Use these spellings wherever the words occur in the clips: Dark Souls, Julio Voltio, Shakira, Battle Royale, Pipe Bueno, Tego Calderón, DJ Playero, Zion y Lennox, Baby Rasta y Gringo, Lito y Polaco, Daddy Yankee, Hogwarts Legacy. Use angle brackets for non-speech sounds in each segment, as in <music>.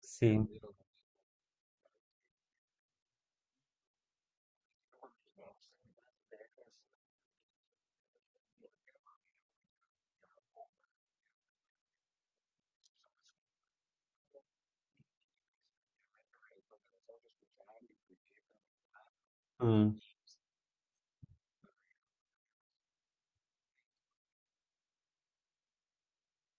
Sí. Mm,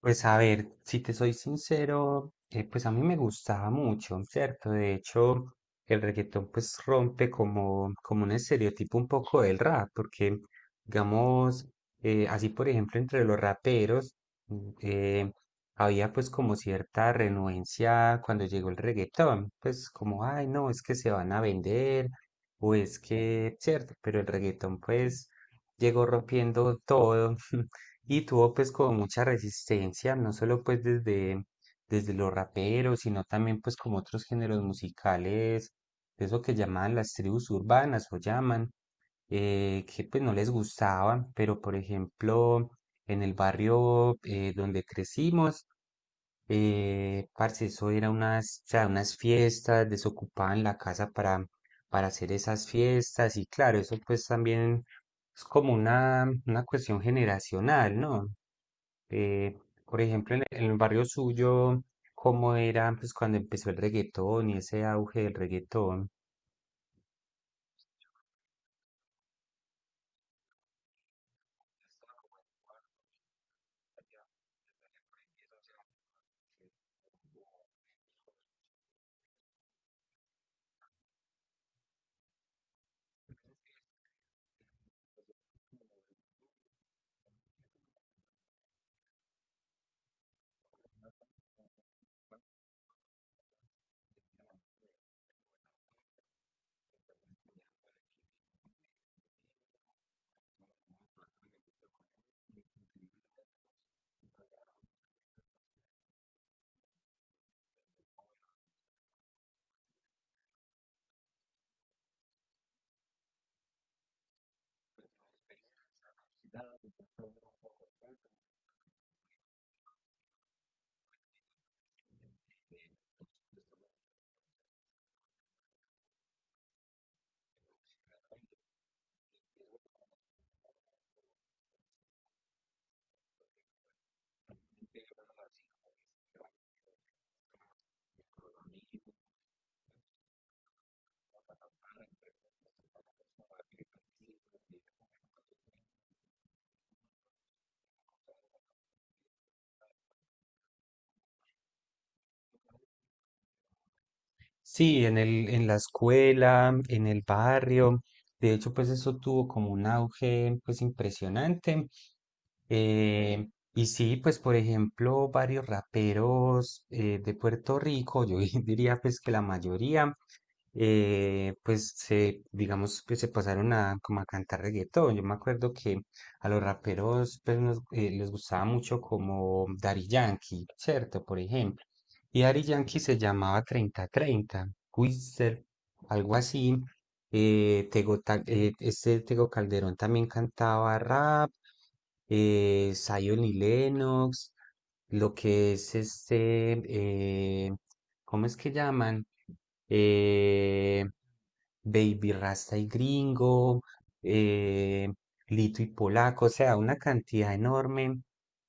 Pues a ver, si te soy sincero, pues a mí me gustaba mucho, ¿cierto? De hecho, el reggaetón pues rompe como un estereotipo un poco del rap, porque digamos, así por ejemplo entre los raperos mm, eh, había pues como cierta renuencia cuando llegó el reggaetón, pues como, ay no, es que se van a vender o es que, ¿cierto? Pero el reggaetón pues llegó rompiendo todo. <laughs> Y tuvo pues como mucha resistencia, no solo desde los raperos, sino también pues como otros géneros musicales, eso que llamaban las tribus urbanas o llaman, que pues no les gustaban, pero por ejemplo en el barrio donde crecimos, parce, eso era unas, o sea, unas fiestas, desocupaban la casa para hacer esas fiestas y claro, eso pues también es como una cuestión generacional, ¿no? Eh, por ejemplo, en el barrio suyo, ¿cómo era pues cuando empezó el reggaetón y ese auge del reggaetón? Sí, en la escuela, en el barrio. De hecho, pues eso tuvo como un auge pues impresionante. Eh, y sí, pues por ejemplo, varios raperos de Puerto Rico, yo <laughs> diría pues que la mayoría pues digamos, que se pasaron a como a cantar reggaetón. Yo me acuerdo que a los raperos pues, les gustaba mucho como Daddy Yankee, ¿cierto? Por ejemplo. Y Daddy Yankee se llamaba treinta treinta Wizard, algo así. Tego, Ta- este Tego Calderón también cantaba rap, Zion y Lennox, lo que es este, eh, ¿cómo es que llaman? Eh, Baby Rasta y Gringo, eh, Lito y Polaco, o sea, una cantidad enorme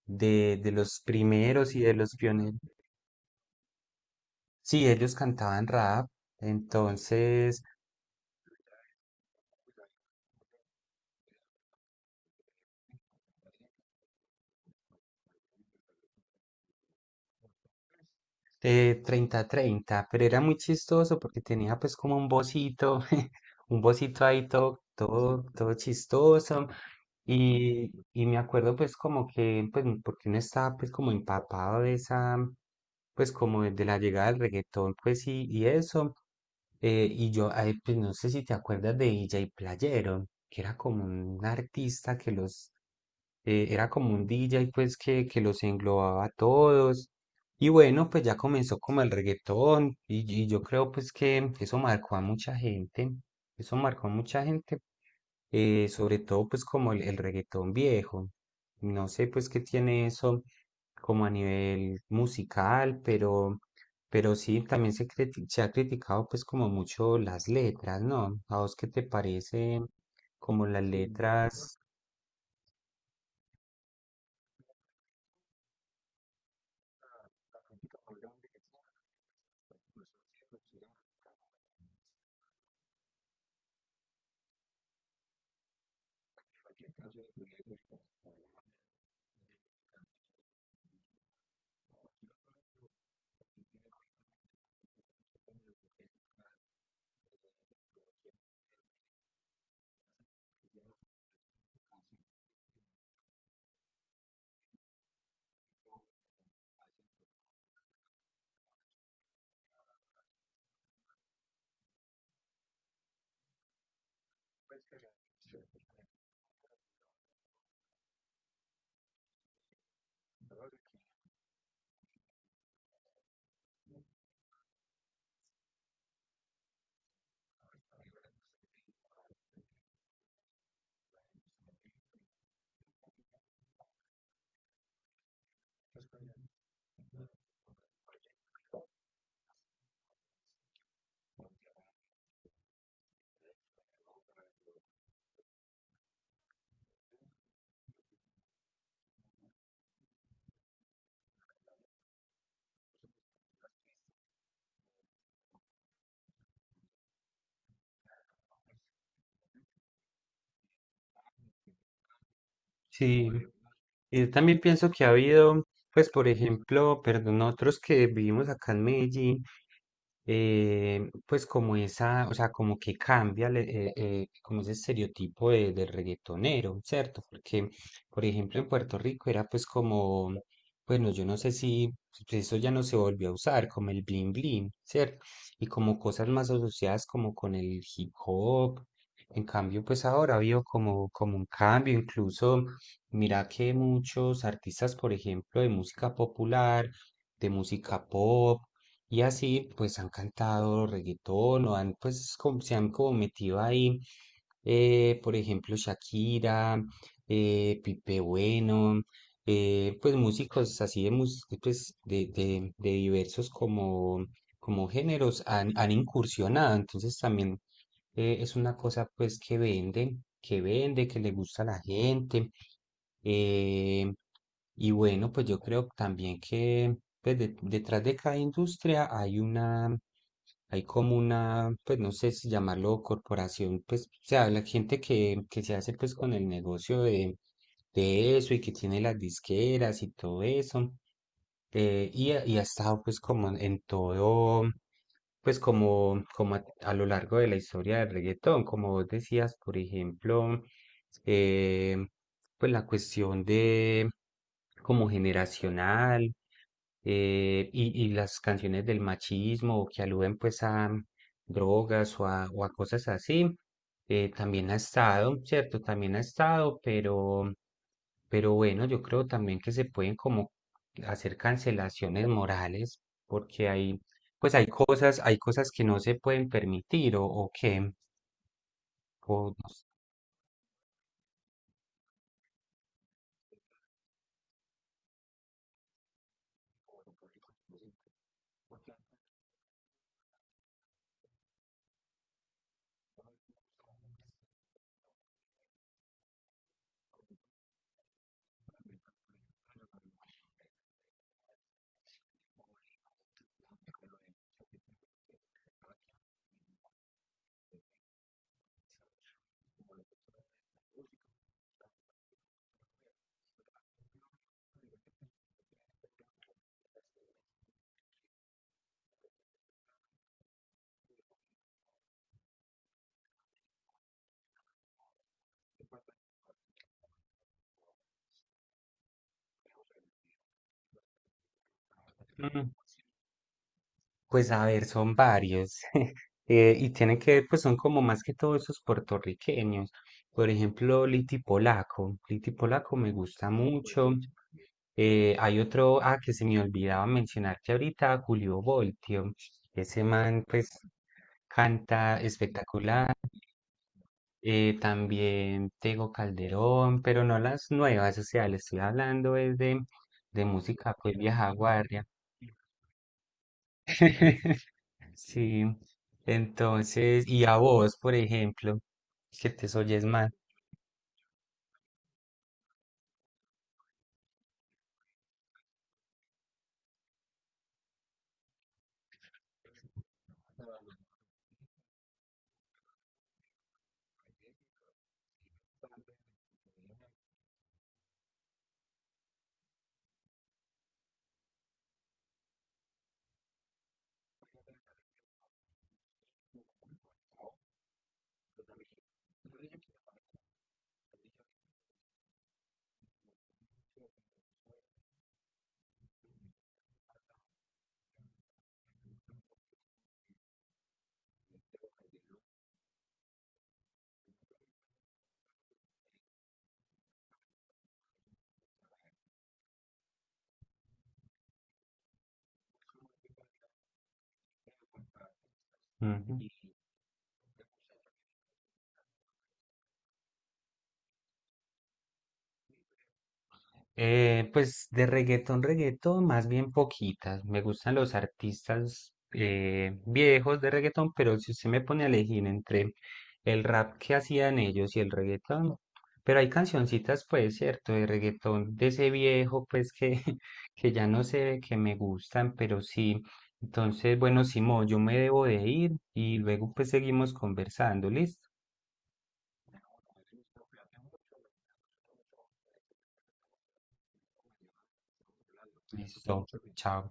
de los primeros y de los pioneros. Sí, ellos cantaban rap, entonces de treinta treinta, pero era muy chistoso porque tenía pues como un bocito, <laughs> un bocito ahí todo, todo, todo chistoso. Y me acuerdo pues como que, pues porque uno estaba pues como empapado de esa, pues como de la llegada del reggaetón pues y eso. Y yo, ay, pues no sé si te acuerdas de DJ Playero, que era como un artista que los, era como un DJ pues que los englobaba a todos y bueno, pues ya comenzó como el reggaetón y yo creo pues que eso marcó a mucha gente, eso marcó a mucha gente, sobre todo pues como el reggaetón viejo. No sé pues qué tiene eso como a nivel musical, pero sí, también se ha criticado pues como mucho las letras, ¿no? ¿A vos qué te parece como las letras? Sí, y también pienso que ha habido, pues por ejemplo, perdón, nosotros que vivimos acá en Medellín, pues como esa, o sea, como que como ese estereotipo de, del reggaetonero, ¿cierto? Porque, por ejemplo, en Puerto Rico era pues como, bueno, yo no sé si pues, eso ya no se volvió a usar, como el bling bling, ¿cierto? Y como cosas más asociadas como con el hip hop. En cambio, pues ahora ha habido como, como un cambio, incluso mira que muchos artistas, por ejemplo, de música popular, de música pop y así, pues han cantado reggaetón o han, pues, se han como metido ahí, por ejemplo, Shakira, Pipe Bueno, pues músicos así pues, de diversos como, como géneros han incursionado. Entonces también es una cosa pues que vende, que vende, que le gusta a la gente. Eh, y bueno, pues yo creo también que pues, detrás de cada industria hay una, hay como una, pues no sé si llamarlo corporación, pues, o sea, la gente que se hace pues con el negocio de eso y que tiene las disqueras y todo eso. Eh, ha estado pues como en todo, pues como, como a lo largo de la historia del reggaetón, como vos decías, por ejemplo, eh, pues la cuestión de como generacional y las canciones del machismo que aluden pues a drogas o a cosas así. También ha estado, ¿cierto? También ha estado, pero bueno, yo creo también que se pueden como hacer cancelaciones morales, porque hay, pues hay cosas que no se pueden permitir o que, o no sé. Mm, pues a ver, son varios. <laughs> Y tienen que ver, pues son como más que todos esos puertorriqueños. Por ejemplo, Liti Polaco. Liti Polaco me gusta mucho. Hay otro, ah, que se me olvidaba mencionar que ahorita Julio Voltio, ese man pues canta espectacular, también Tego Calderón, pero no las nuevas, o sea, le estoy hablando es de música pues vieja guardia. <laughs> Sí, entonces, y a vos, por ejemplo, que te oyes mal. Pues de reggaetón, reggaetón, más bien poquitas. Me gustan los artistas viejos de reggaetón, pero si usted me pone a elegir entre el rap que hacían ellos y el reggaetón, pero hay cancioncitas, pues, cierto, de reggaetón de ese viejo, pues, que, <laughs> que ya no sé, que me gustan, pero sí. Entonces, bueno, Simón, yo me debo de ir y luego pues seguimos conversando, ¿listo? Chao.